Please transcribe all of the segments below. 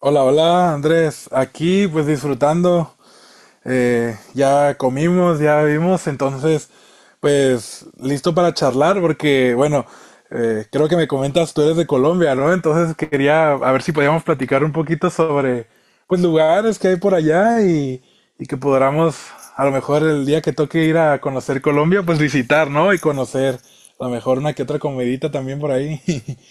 Hola, hola Andrés, aquí pues disfrutando, ya comimos, ya vimos, entonces pues listo para charlar porque bueno, creo que me comentas tú eres de Colombia, ¿no? Entonces quería a ver si podíamos platicar un poquito sobre pues lugares que hay por allá y que podamos a lo mejor el día que toque ir a conocer Colombia pues visitar, ¿no? Y conocer a lo mejor una que otra comidita también por ahí.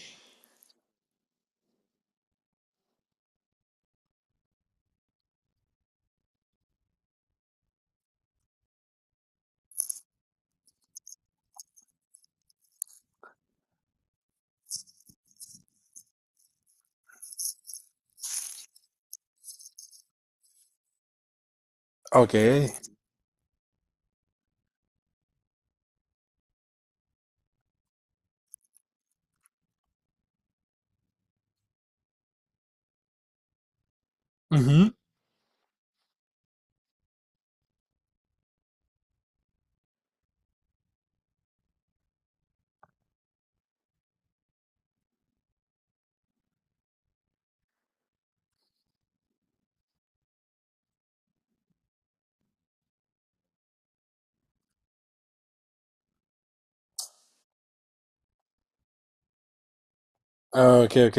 Ok. Ujú. Ah, ok, ok.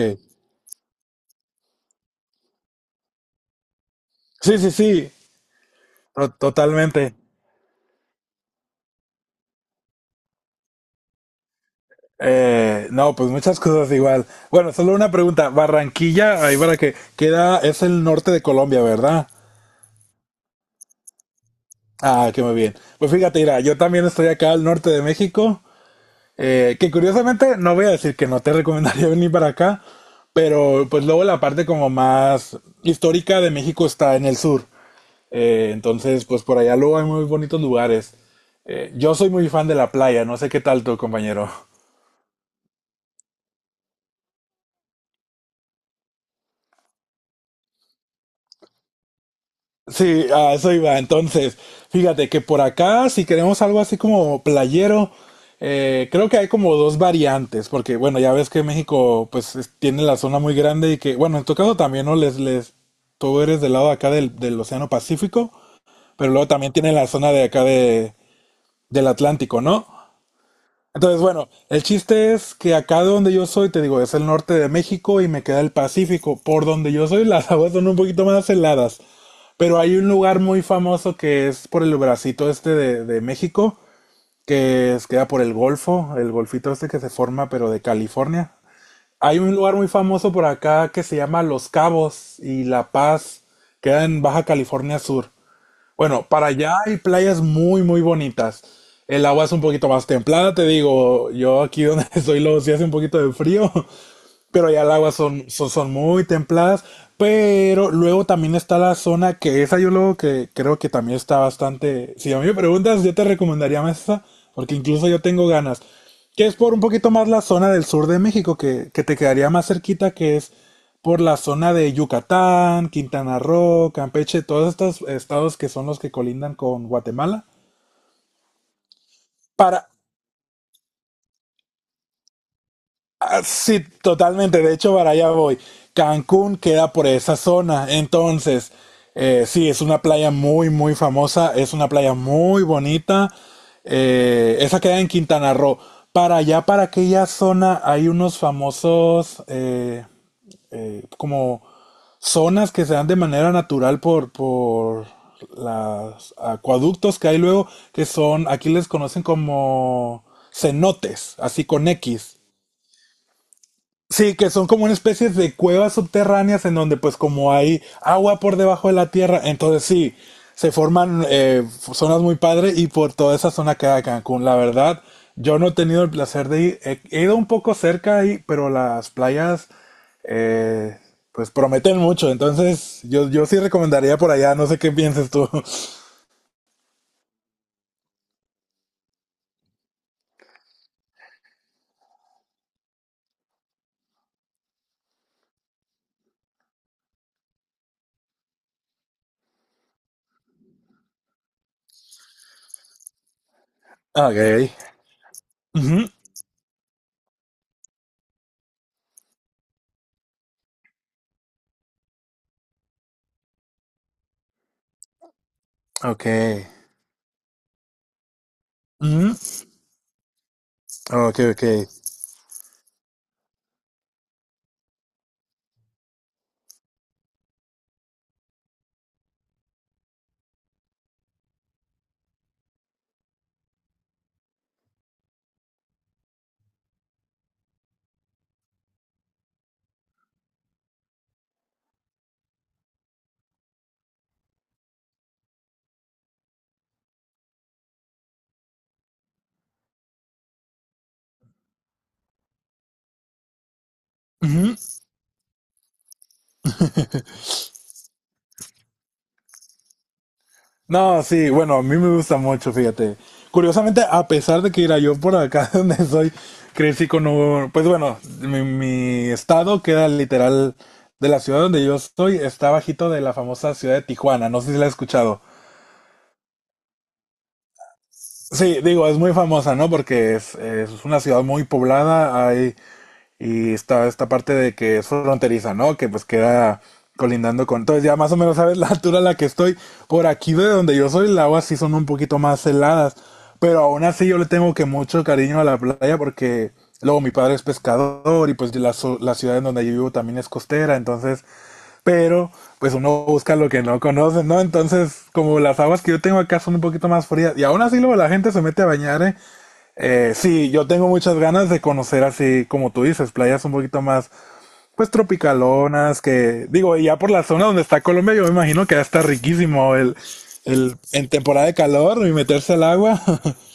Sí, sí, sí. Totalmente. No, pues muchas cosas igual. Bueno, solo una pregunta. Barranquilla, ahí para que queda, es el norte de Colombia, ¿verdad? Ah, qué muy bien. Pues fíjate, mira, yo también estoy acá al norte de México, que curiosamente no voy a decir que no te recomendaría venir para acá, pero pues luego la parte como más histórica de México está en el sur. Entonces, pues por allá luego hay muy bonitos lugares. Yo soy muy fan de la playa, no sé qué tal tu compañero. Sí, a eso iba. Entonces, fíjate que por acá, si queremos algo así como playero, creo que hay como dos variantes, porque bueno, ya ves que México pues tiene la zona muy grande y que, bueno, en tu caso también, ¿no? Tú eres del lado de acá del Océano Pacífico, pero luego también tiene la zona de acá de, del Atlántico, ¿no? Entonces, bueno, el chiste es que acá de donde yo soy, te digo, es el norte de México y me queda el Pacífico. Por donde yo soy, las aguas son un poquito más heladas. Pero hay un lugar muy famoso que es por el bracito este de México, que queda por el Golfo, el golfito este que se forma, pero de California. Hay un lugar muy famoso por acá que se llama Los Cabos y La Paz, queda en Baja California Sur. Bueno, para allá hay playas muy, muy bonitas. El agua es un poquito más templada, te digo, yo aquí donde estoy lo sí hace un poquito de frío, pero ya el agua son muy templadas. Pero luego también está la zona que esa yo luego que creo que también está bastante. Si a mí me preguntas, yo te recomendaría más esa, porque incluso yo tengo ganas. Que es por un poquito más la zona del sur de México, que te quedaría más cerquita, que es por la zona de Yucatán, Quintana Roo, Campeche, todos estos estados que son los que colindan con Guatemala. Para, sí, totalmente. De hecho, para allá voy. Cancún queda por esa zona. Entonces, sí, es una playa muy, muy famosa. Es una playa muy bonita. Esa queda en Quintana Roo. Para allá, para aquella zona, hay unos famosos como zonas que se dan de manera natural por los acueductos que hay luego, que son, aquí les conocen como cenotes, así con X. Sí, que son como una especie de cuevas subterráneas en donde pues como hay agua por debajo de la tierra, entonces sí, se forman zonas muy padres y por toda esa zona queda Cancún. La verdad, yo no he tenido el placer de ir, he ido un poco cerca ahí, pero las playas eh, pues prometen mucho, entonces yo sí recomendaría por allá, no sé qué pienses tú. Ok. Ujú, ok. Ujú, ok. Ok. Ujú. No, sí, bueno, a mí me gusta mucho, fíjate. Curiosamente, a pesar de que era yo por acá donde soy, crecí con un, pues bueno, mi estado queda literal de la ciudad donde yo estoy, está bajito de la famosa ciudad de Tijuana, no sé si la has escuchado. Sí, digo, es muy famosa, ¿no? Porque es una ciudad muy poblada, hay. Y está esta parte de que es fronteriza, ¿no? Que pues queda colindando con... Entonces ya más o menos sabes la altura a la que estoy. Por aquí de donde yo soy, el agua sí son un poquito más heladas. Pero aún así yo le tengo que mucho cariño a la playa porque luego mi padre es pescador y pues la ciudad en donde yo vivo también es costera. Entonces, pero pues uno busca lo que no conoce, ¿no? Entonces, como las aguas que yo tengo acá son un poquito más frías. Y aún así luego la gente se mete a bañar, ¿eh? Sí, yo tengo muchas ganas de conocer así, como tú dices, playas un poquito más, pues tropicalonas, que digo, y ya por la zona donde está Colombia, yo me imagino que ya está riquísimo el, en temporada de calor y meterse al agua.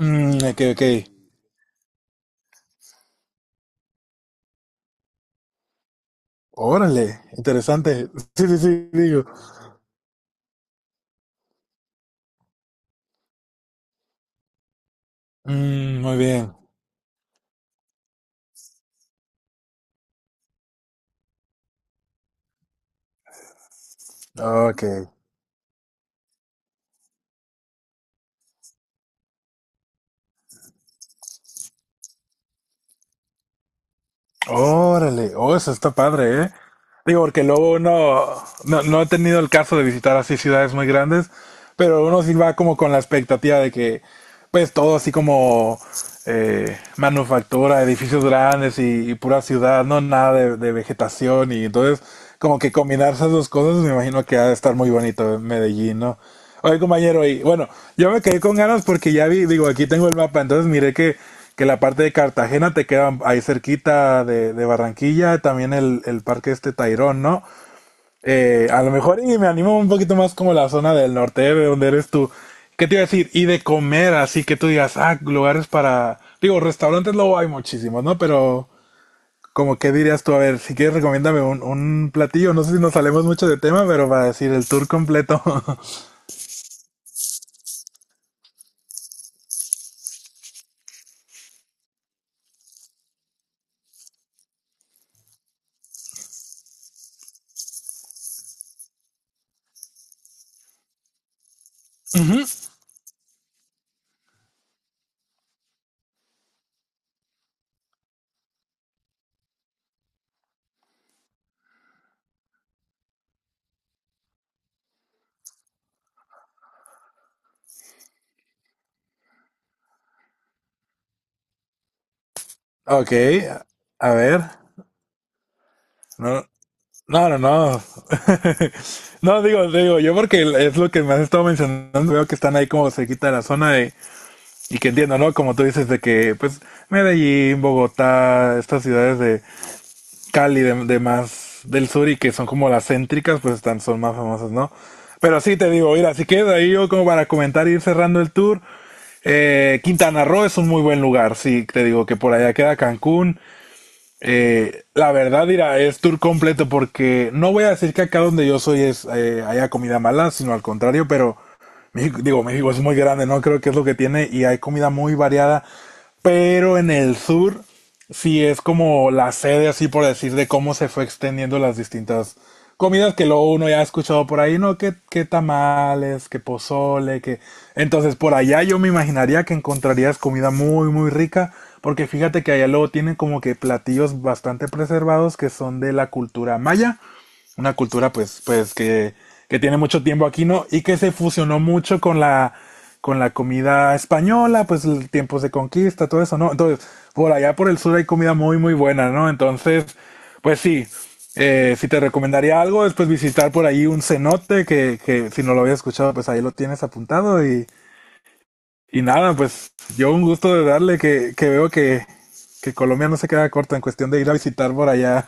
Mm, ok, ok. Órale, interesante. Sí, sí, sí, digo. Mm, muy bien. Ok. Órale, oh, eso está padre, ¿eh? Digo, porque luego uno, no he tenido el caso de visitar así ciudades muy grandes, pero uno sí va como con la expectativa de que, pues todo así como manufactura, edificios grandes y pura ciudad, no nada de vegetación y entonces como que combinar esas dos cosas me imagino que ha de estar muy bonito en Medellín, ¿no? Oye, compañero, y bueno, yo me quedé con ganas porque ya vi, digo, aquí tengo el mapa, entonces miré que la parte de Cartagena te queda ahí cerquita de Barranquilla, también el parque este Tairón, ¿no? A lo mejor y me animo un poquito más como la zona del norte de donde eres tú. ¿Qué te iba a decir? Y de comer, así que tú digas, ah, lugares para... Digo, restaurantes luego hay muchísimos, ¿no? Pero como qué dirías tú, a ver, si quieres recomiéndame un platillo, no sé si nos salemos mucho de tema, pero para decir el tour completo. Ujú. Ok, a ver, no, no, no, no. No, digo, digo, yo porque es lo que me has estado mencionando, veo que están ahí como cerquita de la zona de, y que entiendo, ¿no? Como tú dices, de que, pues, Medellín, Bogotá, estas ciudades de Cali, de más del sur y que son como las céntricas, pues están, son más famosas, ¿no? Pero sí, te digo, mira, si quieres ahí yo como para comentar ir cerrando el tour, Quintana Roo es un muy buen lugar, sí, te digo que por allá queda Cancún, la verdad, dirá, es tour completo porque no voy a decir que acá donde yo soy es haya comida mala, sino al contrario, pero México, digo, México es muy grande, ¿no? Creo que es lo que tiene y hay comida muy variada. Pero en el sur sí es como la sede, así por decir, de cómo se fue extendiendo las distintas comidas que luego uno ya ha escuchado por ahí, ¿no? Que tamales, que pozole, que... Entonces por allá yo me imaginaría que encontrarías comida muy, muy rica, porque fíjate que allá luego tienen como que platillos bastante preservados que son de la cultura maya, una cultura pues, pues que tiene mucho tiempo aquí, ¿no? Y que se fusionó mucho con la comida española, pues tiempos de conquista, todo eso, ¿no? Entonces, por allá por el sur hay comida muy, muy buena, ¿no? Entonces, pues sí, si te recomendaría algo, es pues visitar por ahí un cenote, que si no lo habías escuchado, pues ahí lo tienes apuntado y nada, pues yo un gusto de darle que veo que Colombia no se queda corta en cuestión de ir a visitar por allá.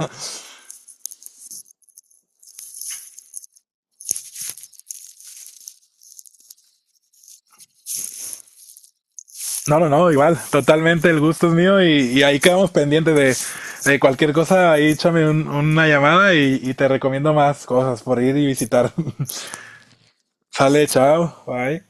No, no, no, igual, totalmente el gusto es mío y ahí quedamos pendientes de cualquier cosa, ahí échame una llamada y te recomiendo más cosas por ir y visitar. Sale, chao, bye.